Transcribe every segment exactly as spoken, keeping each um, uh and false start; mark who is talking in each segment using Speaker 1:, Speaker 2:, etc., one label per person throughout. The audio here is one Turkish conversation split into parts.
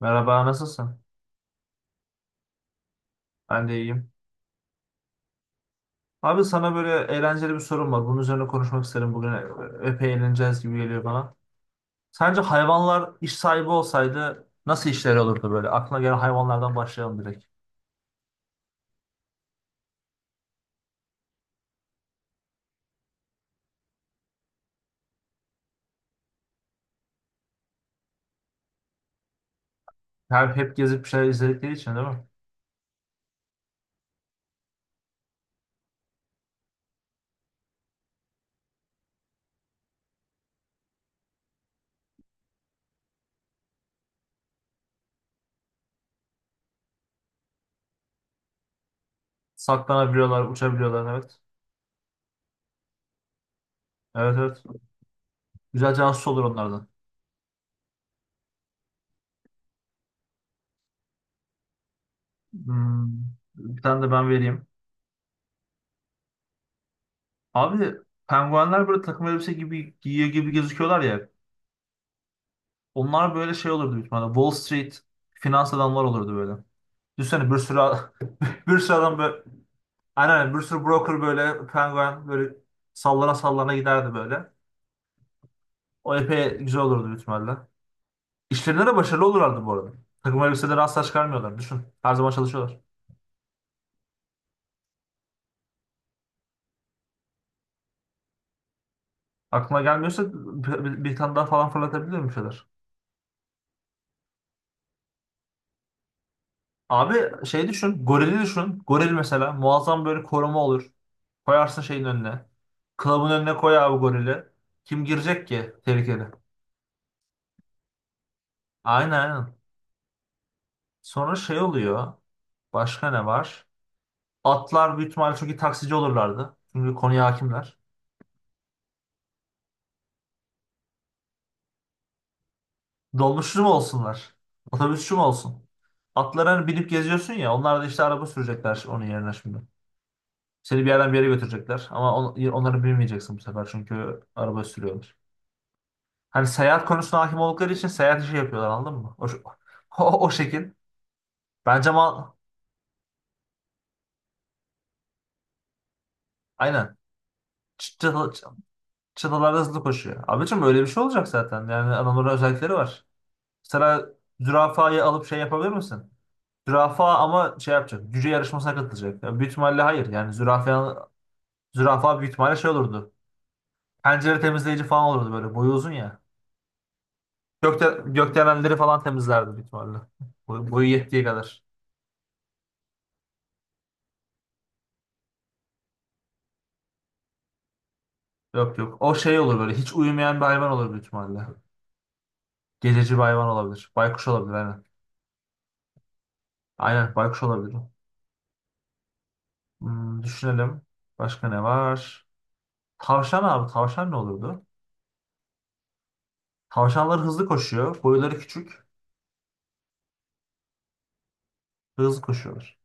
Speaker 1: Merhaba, nasılsın? Ben de iyiyim. Abi sana böyle eğlenceli bir sorum var. Bunun üzerine konuşmak isterim. Bugün e, epey eğleneceğiz gibi geliyor bana. Sence hayvanlar iş sahibi olsaydı nasıl işleri olurdu böyle? Aklına gelen hayvanlardan başlayalım direkt. Her hep gezip bir şeyler izledikleri için değil mi? Saklanabiliyorlar, uçabiliyorlar. Evet. Evet, evet. Güzel casus olur onlardan. Hmm, bir tane de ben vereyim. Abi penguenler böyle takım elbise gibi giyiyor gibi gözüküyorlar ya. Onlar böyle şey olurdu büyük ihtimalle. Wall Street finans adamlar olurdu böyle. Düşünsene bir sürü bir sürü adam böyle aynen bir sürü broker böyle penguen böyle sallana sallana giderdi böyle. O epey güzel olurdu büyük ihtimalle. İşlerinde de başarılı olurlardı bu arada. Takım elbiseleri asla çıkarmıyorlar. Düşün. Her zaman çalışıyorlar. Aklına gelmiyorsa bir, bir- bir tane daha falan fırlatabilir bir şeyler? Abi şey düşün. Gorili düşün. Goril mesela muazzam böyle koruma olur. Koyarsın şeyin önüne. Klabın önüne koy abi gorili. Kim girecek ki tehlikeli? Aynen, aynen. Sonra şey oluyor. Başka ne var? Atlar büyük ihtimalle çok iyi taksici olurlardı. Çünkü konuya hakimler. Dolmuşçu mu olsunlar? Otobüsçü mü olsun? Atlara hani binip geziyorsun ya. Onlar da işte araba sürecekler onun yerine şimdi. Seni bir yerden bir yere götürecekler. Ama on, onları bilmeyeceksin bu sefer. Çünkü araba sürüyorlar. Hani seyahat konusuna hakim oldukları için seyahat işi yapıyorlar anladın mı? O, ş- o, o şekil. Bence mal... Aynen. Çı- Çıta, çıtalarda hızlı koşuyor. Abicim öyle bir şey olacak zaten. Yani adamların özellikleri var. Mesela zürafayı alıp şey yapabilir misin? Zürafa ama şey yapacak. Cüce yarışmasına katılacak. Yani büyük ihtimalle hayır. Yani zürafa, zürafa büyük ihtimalle şey olurdu. Pencere temizleyici falan olurdu böyle. Boyu uzun ya. Gökte, gökdelenleri falan temizlerdi büyük ihtimalle. Boyu, boyu yettiği kadar. Yok, yok. O şey olur böyle. Hiç uyumayan bir hayvan olur büyük ihtimalle. Gececi bir hayvan olabilir. Baykuş olabilir aynen. Aynen baykuş olabilir. Hmm, düşünelim. Başka ne var? Tavşan abi. Tavşan ne olurdu? Tavşanlar hızlı koşuyor. Boyları küçük. Hızlı koşuyorlar.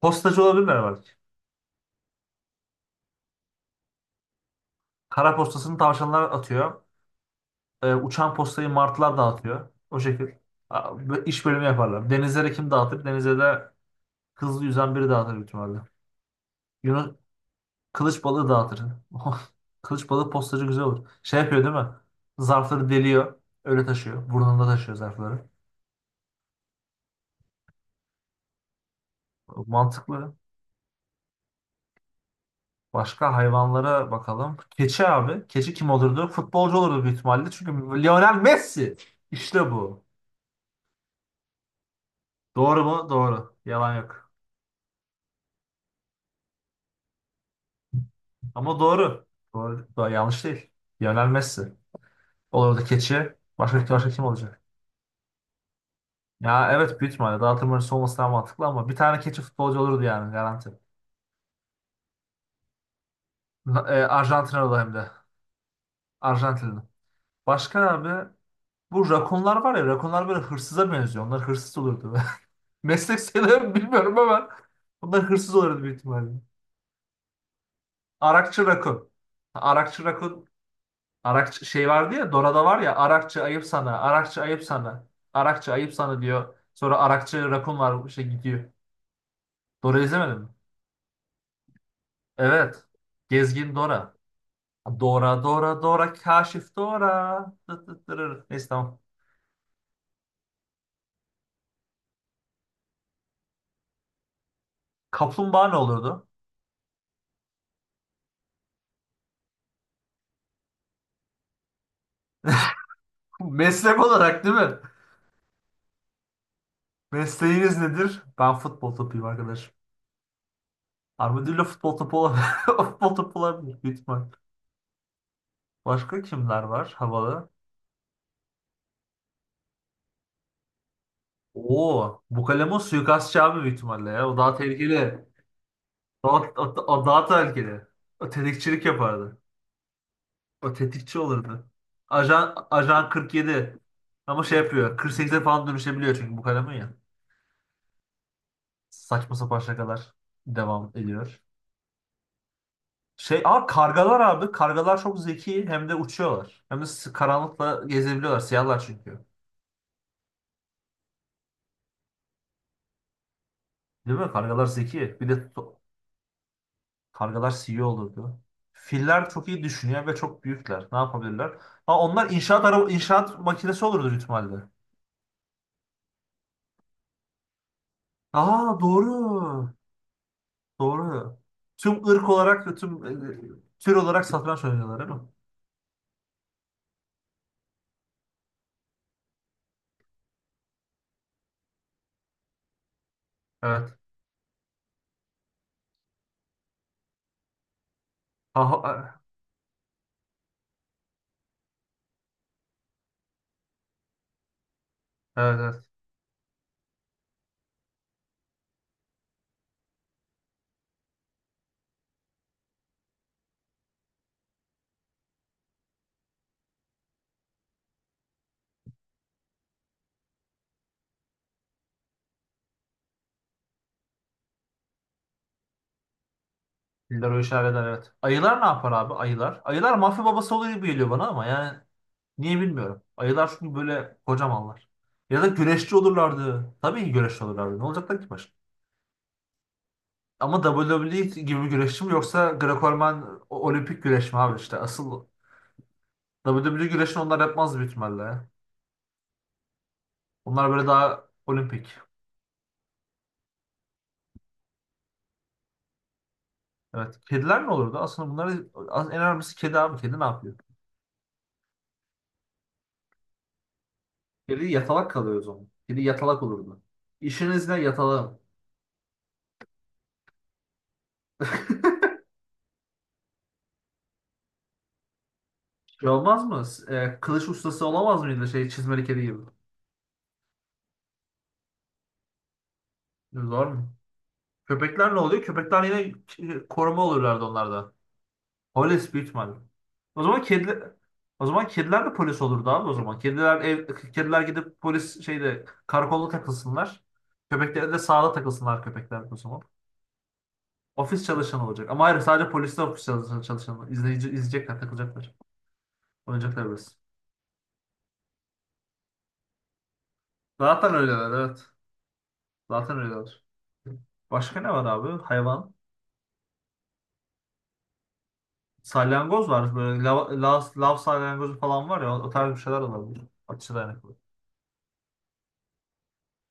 Speaker 1: Postacı olabilirler var. Kara postasını tavşanlar atıyor. Ee, uçan postayı martılar dağıtıyor. O şekil. Aa, bö- İş bölümü yaparlar. Denizlere kim dağıtır? Denize de hızlı yüzen biri dağıtır büyük ihtimalle. Yunus kılıç balığı dağıtır. Kılıç balığı postacı güzel olur. Şey yapıyor değil mi? Zarfları deliyor. Öyle taşıyor. Burnunda taşıyor zarfları. Mantıklı. Başka hayvanlara bakalım. Keçi abi. Keçi kim olurdu? Futbolcu olurdu büyük ihtimalle. Çünkü Lionel Messi. İşte bu. Doğru mu? Doğru. Yalan yok. Ama doğru. Doğru. Doğru. Yanlış değil. Lionel Messi. Olur da keçi. Başka, başka kim olacak? Ya evet büyük ihtimalle. Dağıtım oyuncusu olması daha mantıklı ama bir tane keçi futbolcu olurdu yani garanti. E, Arjantinalı hem de. Arjantinli. Başka abi bu rakunlar var ya rakunlar böyle hırsıza benziyor. Onlar hırsız olurdu. Meslek sayılır mı bilmiyorum ama onlar hırsız olurdu büyük ihtimalle. Arakçı rakun. Arakçı rakun. Arakçı şey vardı ya Dora'da var ya Arakçı ayıp sana, Arakçı ayıp sana, Arakçı ayıp sana diyor. Sonra Arakçı Rakun var şey gidiyor. Dora izlemedin mi? Evet. Gezgin Dora. Dora Dora Dora Kaşif Dora. Tıt tıt tırır. Neyse tamam. Kaplumbağa ne olurdu? Meslek olarak değil mi? Mesleğiniz nedir? Ben futbol topuyum arkadaş. Armadillo futbol topu olabilir. Futbol topu olabilir. Büyük ihtimal. Başka kimler var havalı? Oo, bu kalem o suikastçı abi büyük ihtimalle ya. O daha tehlikeli. Daha, o, o daha tehlikeli. O tetikçilik yapardı. O tetikçi olurdu. Ajan, Ajan kırk yedi. Ama şey yapıyor. kırk sekize falan dönüşebiliyor çünkü bu kalemin ya. Saçma sapan şakalar devam ediyor. Şey, aa kargalar abi. Kargalar çok zeki hem de uçuyorlar. Hem de s- karanlıkla gezebiliyorlar. Siyahlar çünkü. Değil mi? Kargalar zeki. Bir de to- kargalar C E O olurdu. Filler çok iyi düşünüyor ve çok büyükler. Ne yapabilirler? Ha, onlar inşaat araba, inşaat makinesi olurdu büyük ihtimalle. Aa doğru. Doğru. Tüm ırk olarak, ve tüm e, tür olarak satranç oynuyorlar değil mi? Evet. Ha, ha, e, evet, evet. Filler o işi halleder evet. Ayılar ne yapar abi? Ayılar. Ayılar mafya babası oluyor gibi geliyor bana ama yani niye bilmiyorum. Ayılar çünkü böyle kocamanlar. Ya da güreşçi olurlardı. Tabii ki güreşçi olurlardı. Ne olacaklar ki başka? Ama W W E gibi bir güreşçi mi yoksa Greco-Roman o- olimpik güreş mi abi işte asıl W W E güreşini onlar yapmaz büyük ihtimalle. Onlar böyle daha olimpik. Evet. Kediler ne olurdu? Aslında bunlar en önemlisi kedi abi. Kedi ne yapıyor? Kedi yatalak kalıyor o zaman. Kedi yatalak olurdu. İşiniz ne yatalak? Şey olmaz mı? E, kılıç ustası olamaz mıydı şey çizmeli kedi gibi? Zor mu? Köpekler ne oluyor? Köpekler yine k- koruma olurlardı onlarda. Polis büyük ihtimalle. O zaman kediler O zaman kediler de polis olurdu abi o zaman. Kediler ev, kediler gidip polis şeyde karakolda takılsınlar. Köpekler de sahada takılsınlar köpekler o zaman. Ofis çalışanı olacak. Ama hayır sadece polis de ofis çalışanı, çalışanı. İzleyici, izleyecekler, takılacaklar. Oynayacaklar biraz. Zaten öyleler evet. Zaten öyleler. Başka ne var abi? Hayvan. Salyangoz var. Böyle lav, lav, lav salyangozu falan var ya. O o tarz bir şeyler olabilir. Ateşe dayanıklı.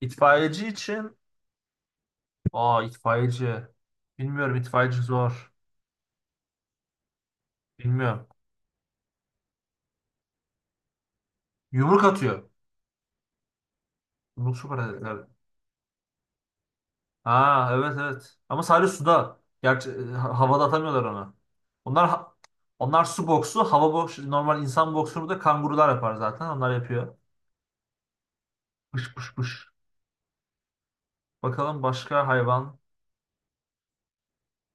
Speaker 1: İtfaiyeci için aa itfaiyeci. Bilmiyorum itfaiyeci zor. Bilmiyorum. Yumruk atıyor. Yumruk süper atletler. Ha, evet, evet. Ama sadece suda. Gerçi e, ha- havada atamıyorlar onu. Onlar ha- onlar su boksu, hava boksu, normal insan boksunu da kangurular yapar zaten. Onlar yapıyor. Pış pış pış. Bakalım başka hayvan.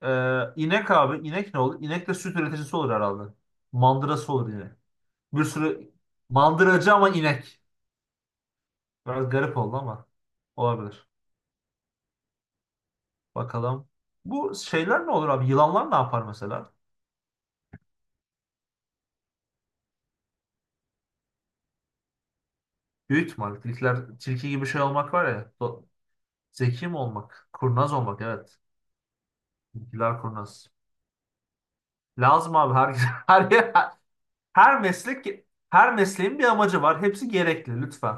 Speaker 1: Ee, inek abi. İnek ne olur? İnek de süt üreticisi olur herhalde. Mandırası olur yine. Bir sürü mandıracı ama inek. Biraz garip oldu ama olabilir. Bakalım. Bu şeyler ne olur abi? Yılanlar ne yapar mesela? Büyük ihtimal. Tilkiler, tilki gibi şey olmak var ya. Do- Zeki mi olmak? Kurnaz olmak evet. Tilkiler kurnaz. Lazım abi her her her meslek her mesleğin bir amacı var. Hepsi gerekli lütfen.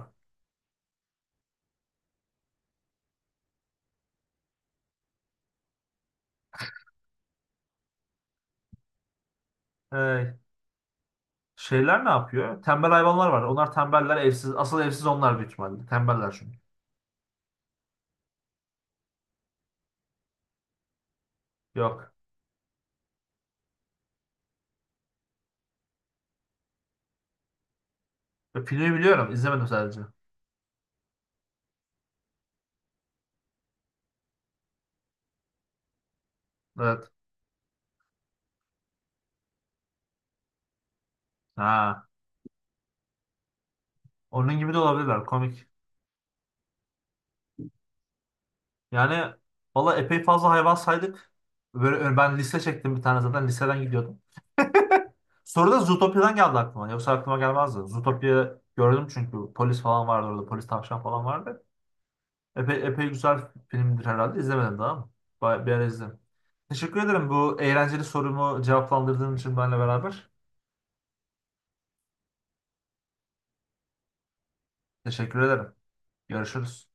Speaker 1: Ee, şeyler ne yapıyor? Tembel hayvanlar var. Onlar tembeller evsiz. Asıl evsiz onlar büyük ihtimalle. Tembeller çünkü. Yok. Filmi biliyorum. İzlemedim sadece. Evet. Ha. Onun gibi de olabilirler. Komik. Yani valla epey fazla hayvan saydık. Böyle, e, ben liste çektim bir tane zaten listeden gidiyordum. Soru da Zootopia'dan geldi aklıma. Yoksa aklıma gelmezdi. Zootopia gördüm çünkü polis falan vardı orada. Polis tavşan falan vardı. Epey, epey güzel filmdir herhalde. İzlemedim daha ama. Ba- Bir ara izlerim. Teşekkür ederim bu eğlenceli sorumu cevaplandırdığın için benimle beraber. Teşekkür ederim. Görüşürüz.